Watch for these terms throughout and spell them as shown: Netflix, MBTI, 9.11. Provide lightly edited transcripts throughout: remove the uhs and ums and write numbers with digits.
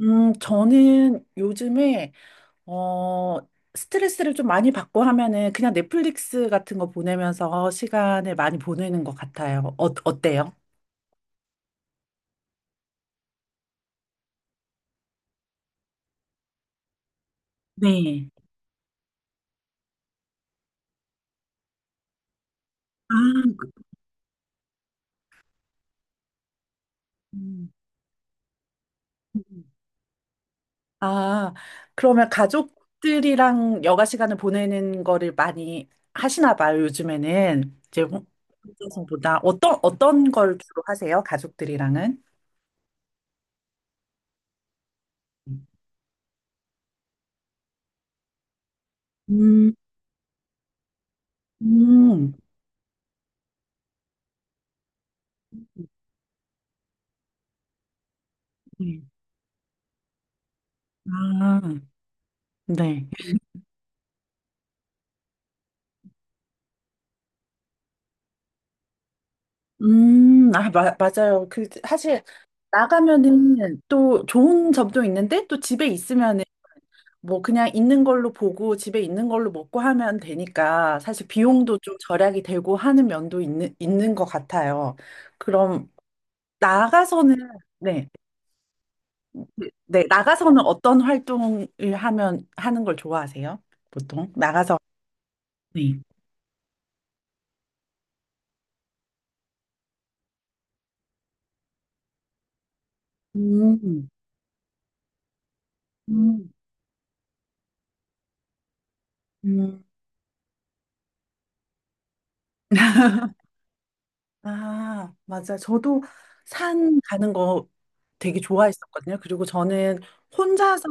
저는 요즘에, 어, 스트레스를 좀 많이 받고 하면은 그냥 넷플릭스 같은 거 보내면서 시간을 많이 보내는 것 같아요. 어때요? 네. 아, 그- 음. 음. 아, 그러면 가족들이랑 여가 시간을 보내는 거를 많이 하시나 봐요, 요즘에는. 이제 혼자서보다 어떤, 어떤 걸 주로 하세요, 가족들이랑은? 음, 음, 네. 아, 네. 아, 맞아요. 그, 사실, 나가면은 또 좋은 점도 있는데, 또 집에 있으면은 뭐 그냥 있는 걸로 보고, 집에 있는 걸로 먹고 하면 되니까, 사실 비용도 좀 절약이 되고 하는 면도 있는, 있는 것 같아요. 그럼, 나가서는, 네, 그, 네, 나가서는 어떤 활동을 하는 걸 좋아하세요? 보통? 나가서, 네. 음, 음, 음. 아, 맞아. 저도 산 가는 거 되게 좋아했었거든요. 그리고 저는 혼자서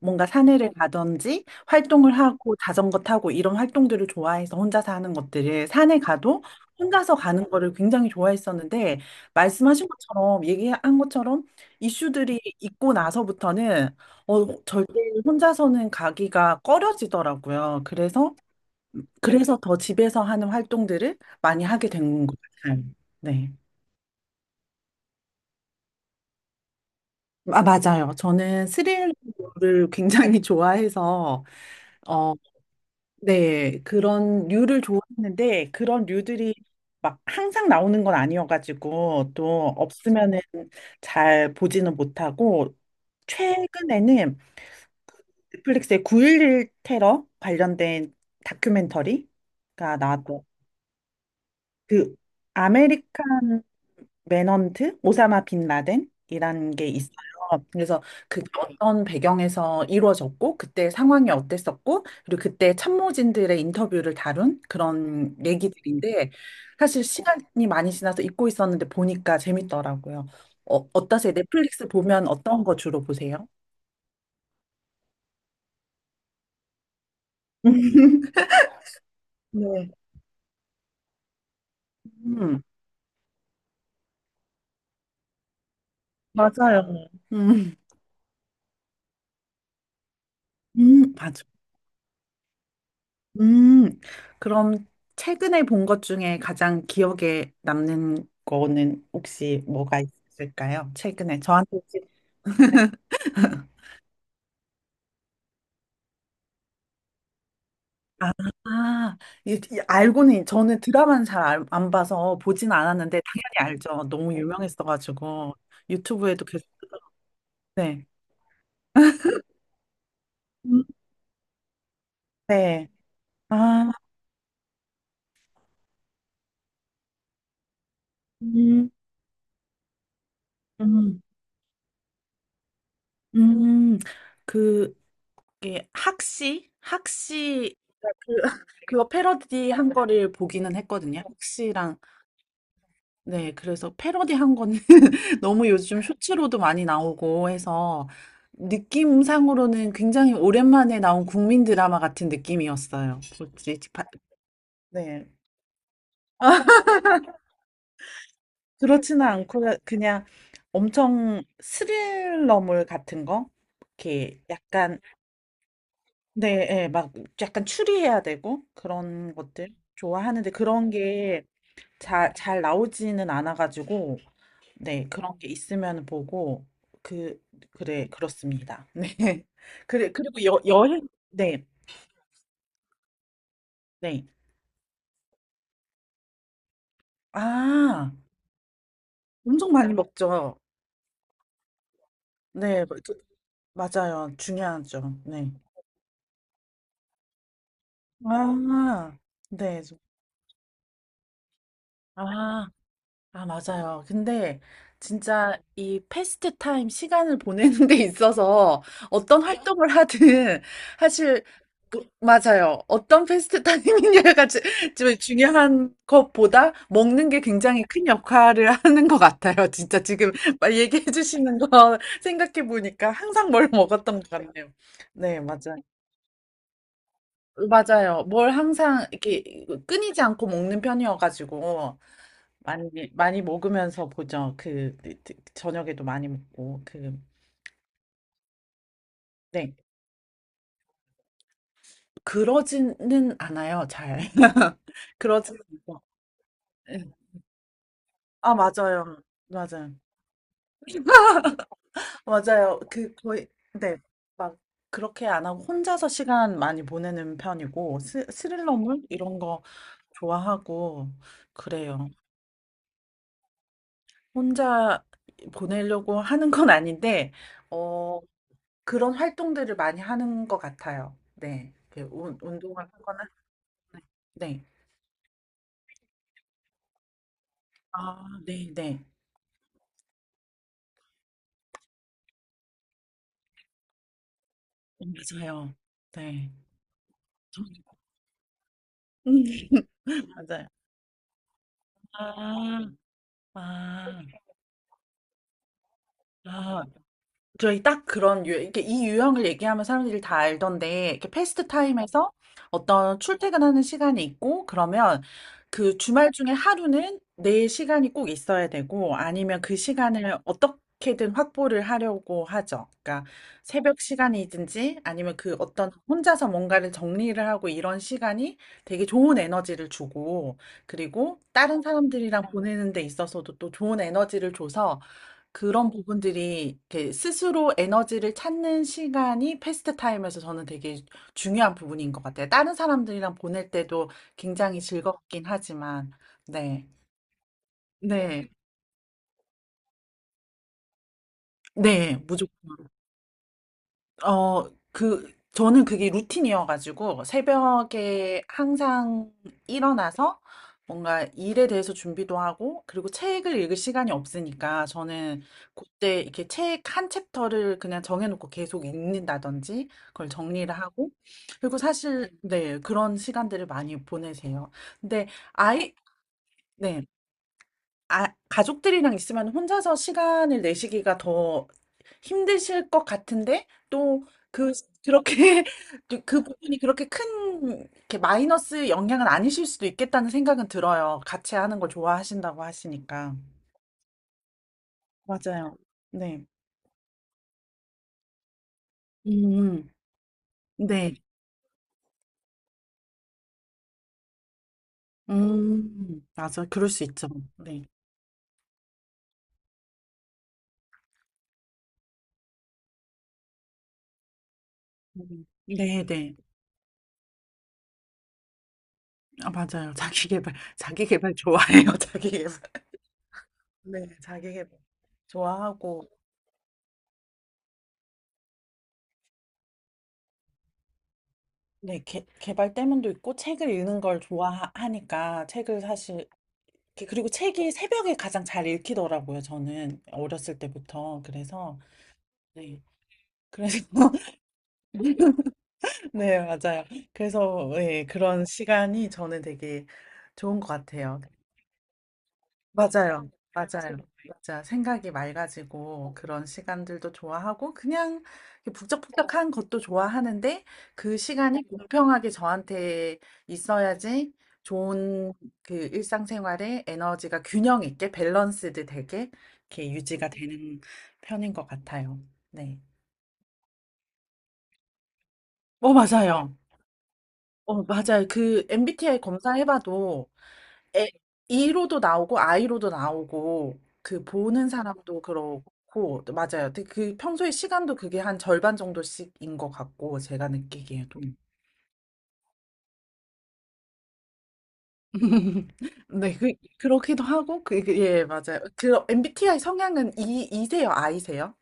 뭔가 산에를 가든지 활동을 하고 자전거 타고 이런 활동들을 좋아해서 혼자서 하는 것들을 산에 가도 혼자서 가는 거를 굉장히 좋아했었는데 말씀하신 것처럼 얘기한 것처럼 이슈들이 있고 나서부터는 절대 혼자서는 가기가 꺼려지더라고요. 그래서 더 집에서 하는 활동들을 많이 하게 된 것 같아요. 네. 아, 맞아요. 저는 스릴러를 굉장히 좋아해서, 어, 네. 그런 류를 좋아했는데 그런 류들이 막 항상 나오는 건 아니어가지고, 또 없으면은 잘 보지는 못하고, 최근에는 넷플릭스의 9.11 테러 관련된 다큐멘터리가 나왔고, 그 아메리칸 매넌트 오사마 빈 라덴이라는 게 있어요. 그래서 그게 어떤 배경에서 이루어졌고, 그때 상황이 어땠었고, 그리고 그때 참모진들의 인터뷰를 다룬 그런 얘기들인데, 사실 시간이 많이 지나서 잊고 있었는데 보니까 재밌더라고요. 어떠세요? 넷플릭스 보면 어떤 거 주로 보세요? 네. 음, 맞아요. 맞아. 음, 그럼 최근에 본 것 중에 가장 기억에 남는 거는 혹시 뭐가 있을까요? 최근에 저한테 혹시 아, 알고는 저는 드라마는 잘 안 봐서 보진 않았는데 당연히 알죠. 너무 유명했어가지고 유튜브에도 계속 네, 음, 네, 아, 음, 음, 음, 그 게 학시 그 그거 패러디 한 거를 보기는 했거든요. 학시랑 네, 그래서 패러디한 거는 너무 요즘 쇼츠로도 많이 나오고 해서 느낌상으로는 굉장히 오랜만에 나온 국민 드라마 같은 느낌이었어요. 솔직히 네, 그렇지는 않고 그냥 엄청 스릴러물 같은 거, 이렇게 약간 네, 예, 막 약간 추리해야 되고 그런 것들 좋아하는데 그런 게 잘 나오지는 않아가지고 네, 그런 게 있으면 보고, 그, 그래, 그렇습니다. 네. 그래, 그리고 여행, 네, 네. 아, 엄청 많이 먹죠. 네, 맞아요. 중요하죠. 네. 아, 네. 아. 아, 맞아요. 근데 진짜 이 패스트 타임 시간을 보내는 데 있어서 어떤 활동을 하든 사실 맞아요. 어떤 패스트 타임이냐가 지금 중요한 것보다 먹는 게 굉장히 큰 역할을 하는 것 같아요. 진짜 지금 막 얘기해 주시는 거 생각해 보니까 항상 뭘 먹었던 것 같네요. 네, 맞아요. 맞아요. 뭘 항상 이렇게 끊이지 않고 먹는 편이어가지고. 많이 많이 먹으면서 보죠. 그 저녁에도 많이 먹고 그 네. 그러지는 않아요. 잘. 그러지는 않고. 네. 아, 맞아요. 맞아요. 맞아요. 그 거의 네. 막 그렇게 안 하고 혼자서 시간 많이 보내는 편이고 스릴러물 이런 거 좋아하고 그래요. 혼자 보내려고 하는 건 아닌데 어 그런 활동들을 많이 하는 것 같아요. 네. 이렇게 운 운동을 하거나 네. 네. 아 네네. 어 맞아요. 네. 저는 음 맞아요. 아. 아. 아. 저희 딱 그런 이렇게 이 유형을 얘기하면 사람들이 다 알던데 이렇게 패스트 타임에서 어떤 출퇴근하는 시간이 있고 그러면 그 주말 중에 하루는 내 시간이 꼭 있어야 되고 아니면 그 시간을 어떻게든 확보를 하려고 하죠. 그러니까 새벽 시간이든지 아니면 그 어떤 혼자서 뭔가를 정리를 하고 이런 시간이 되게 좋은 에너지를 주고 그리고 다른 사람들이랑 보내는 데 있어서도 또 좋은 에너지를 줘서 그런 부분들이 이렇게 스스로 에너지를 찾는 시간이 패스트 타임에서 저는 되게 중요한 부분인 것 같아요. 다른 사람들이랑 보낼 때도 굉장히 즐겁긴 하지만, 네, 네, 네, 어, 그, 저는 그게 루틴이어가지고 새벽에 항상 일어나서 뭔가 일에 대해서 준비도 하고 그리고 책을 읽을 시간이 없으니까 저는 그때 이렇게 책 한 챕터를 그냥 정해놓고 계속 읽는다든지 그걸 정리를 하고 그리고 사실 네, 그런 시간들을 많이 보내세요. 근데 아이, 네. 아, 가족들이랑 있으면 혼자서 시간을 내시기가 더 힘드실 것 같은데 또 그 그렇게 그 부분이 그렇게 큰 이렇게 마이너스 영향은 아니실 수도 있겠다는 생각은 들어요. 같이 하는 걸 좋아하신다고 하시니까. 맞아요. 네. 음. 네. 음. 맞아. 그럴 수 있죠. 네. 음. 네, 네. 아, 맞아요. 자기 개발. 자기 개발 좋아해요. 자기 개발. 네, 자기 개발. 좋아하고 네, 개발 때문도 있고 책을 읽는 걸 좋아하니까 책을 사실 그리고 책이 새벽에 가장 잘 읽히더라고요, 저는. 어렸을 때부터. 그래서, 네. 그래서, 네, 맞아요. 그래서, 네, 그런 시간이 저는 되게 좋은 것 같아요. 맞아요. 맞아요. 아 맞아. 생각이 맑아지고 그런 시간들도 좋아하고 그냥 이렇게 북적북적한 것도 좋아하는데 그 시간이 네. 공평하게 저한테 있어야지 좋은 그 일상생활에 에너지가 균형 있게 밸런스드 되게 이렇게 유지가 되는 편인 것 같아요. 네. 어, 맞아요. 어, 맞아요. 그 MBTI 검사해봐도 에, E로도 나오고 I로도 나오고 그 보는 사람도 그렇고 또 맞아요. 근데 그 평소에 시간도 그게 한 절반 정도씩인 것 같고 제가 느끼기에도. 네, 그 그렇기도 하고 그 예, 맞아요. 그 MBTI 성향은 E E세요, I세요?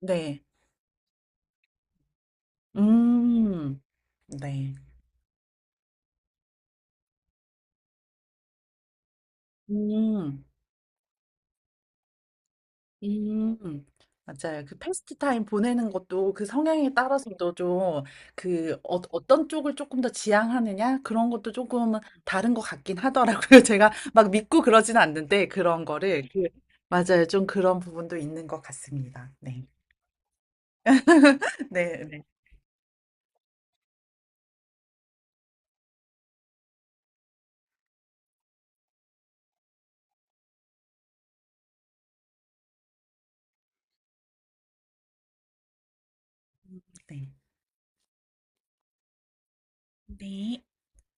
네. 음. 네. 음. 음, 맞아요. 그 패스트 타임 보내는 것도 그 성향에 따라서도 좀 그 어떤 쪽을 조금 더 지향하느냐 그런 것도 조금은 다른 것 같긴 하더라고요. 제가 막 믿고 그러진 않는데 그런 거를 그, 맞아요. 좀 그런 부분도 있는 것 같습니다. 네. 네, 네, 네. 네.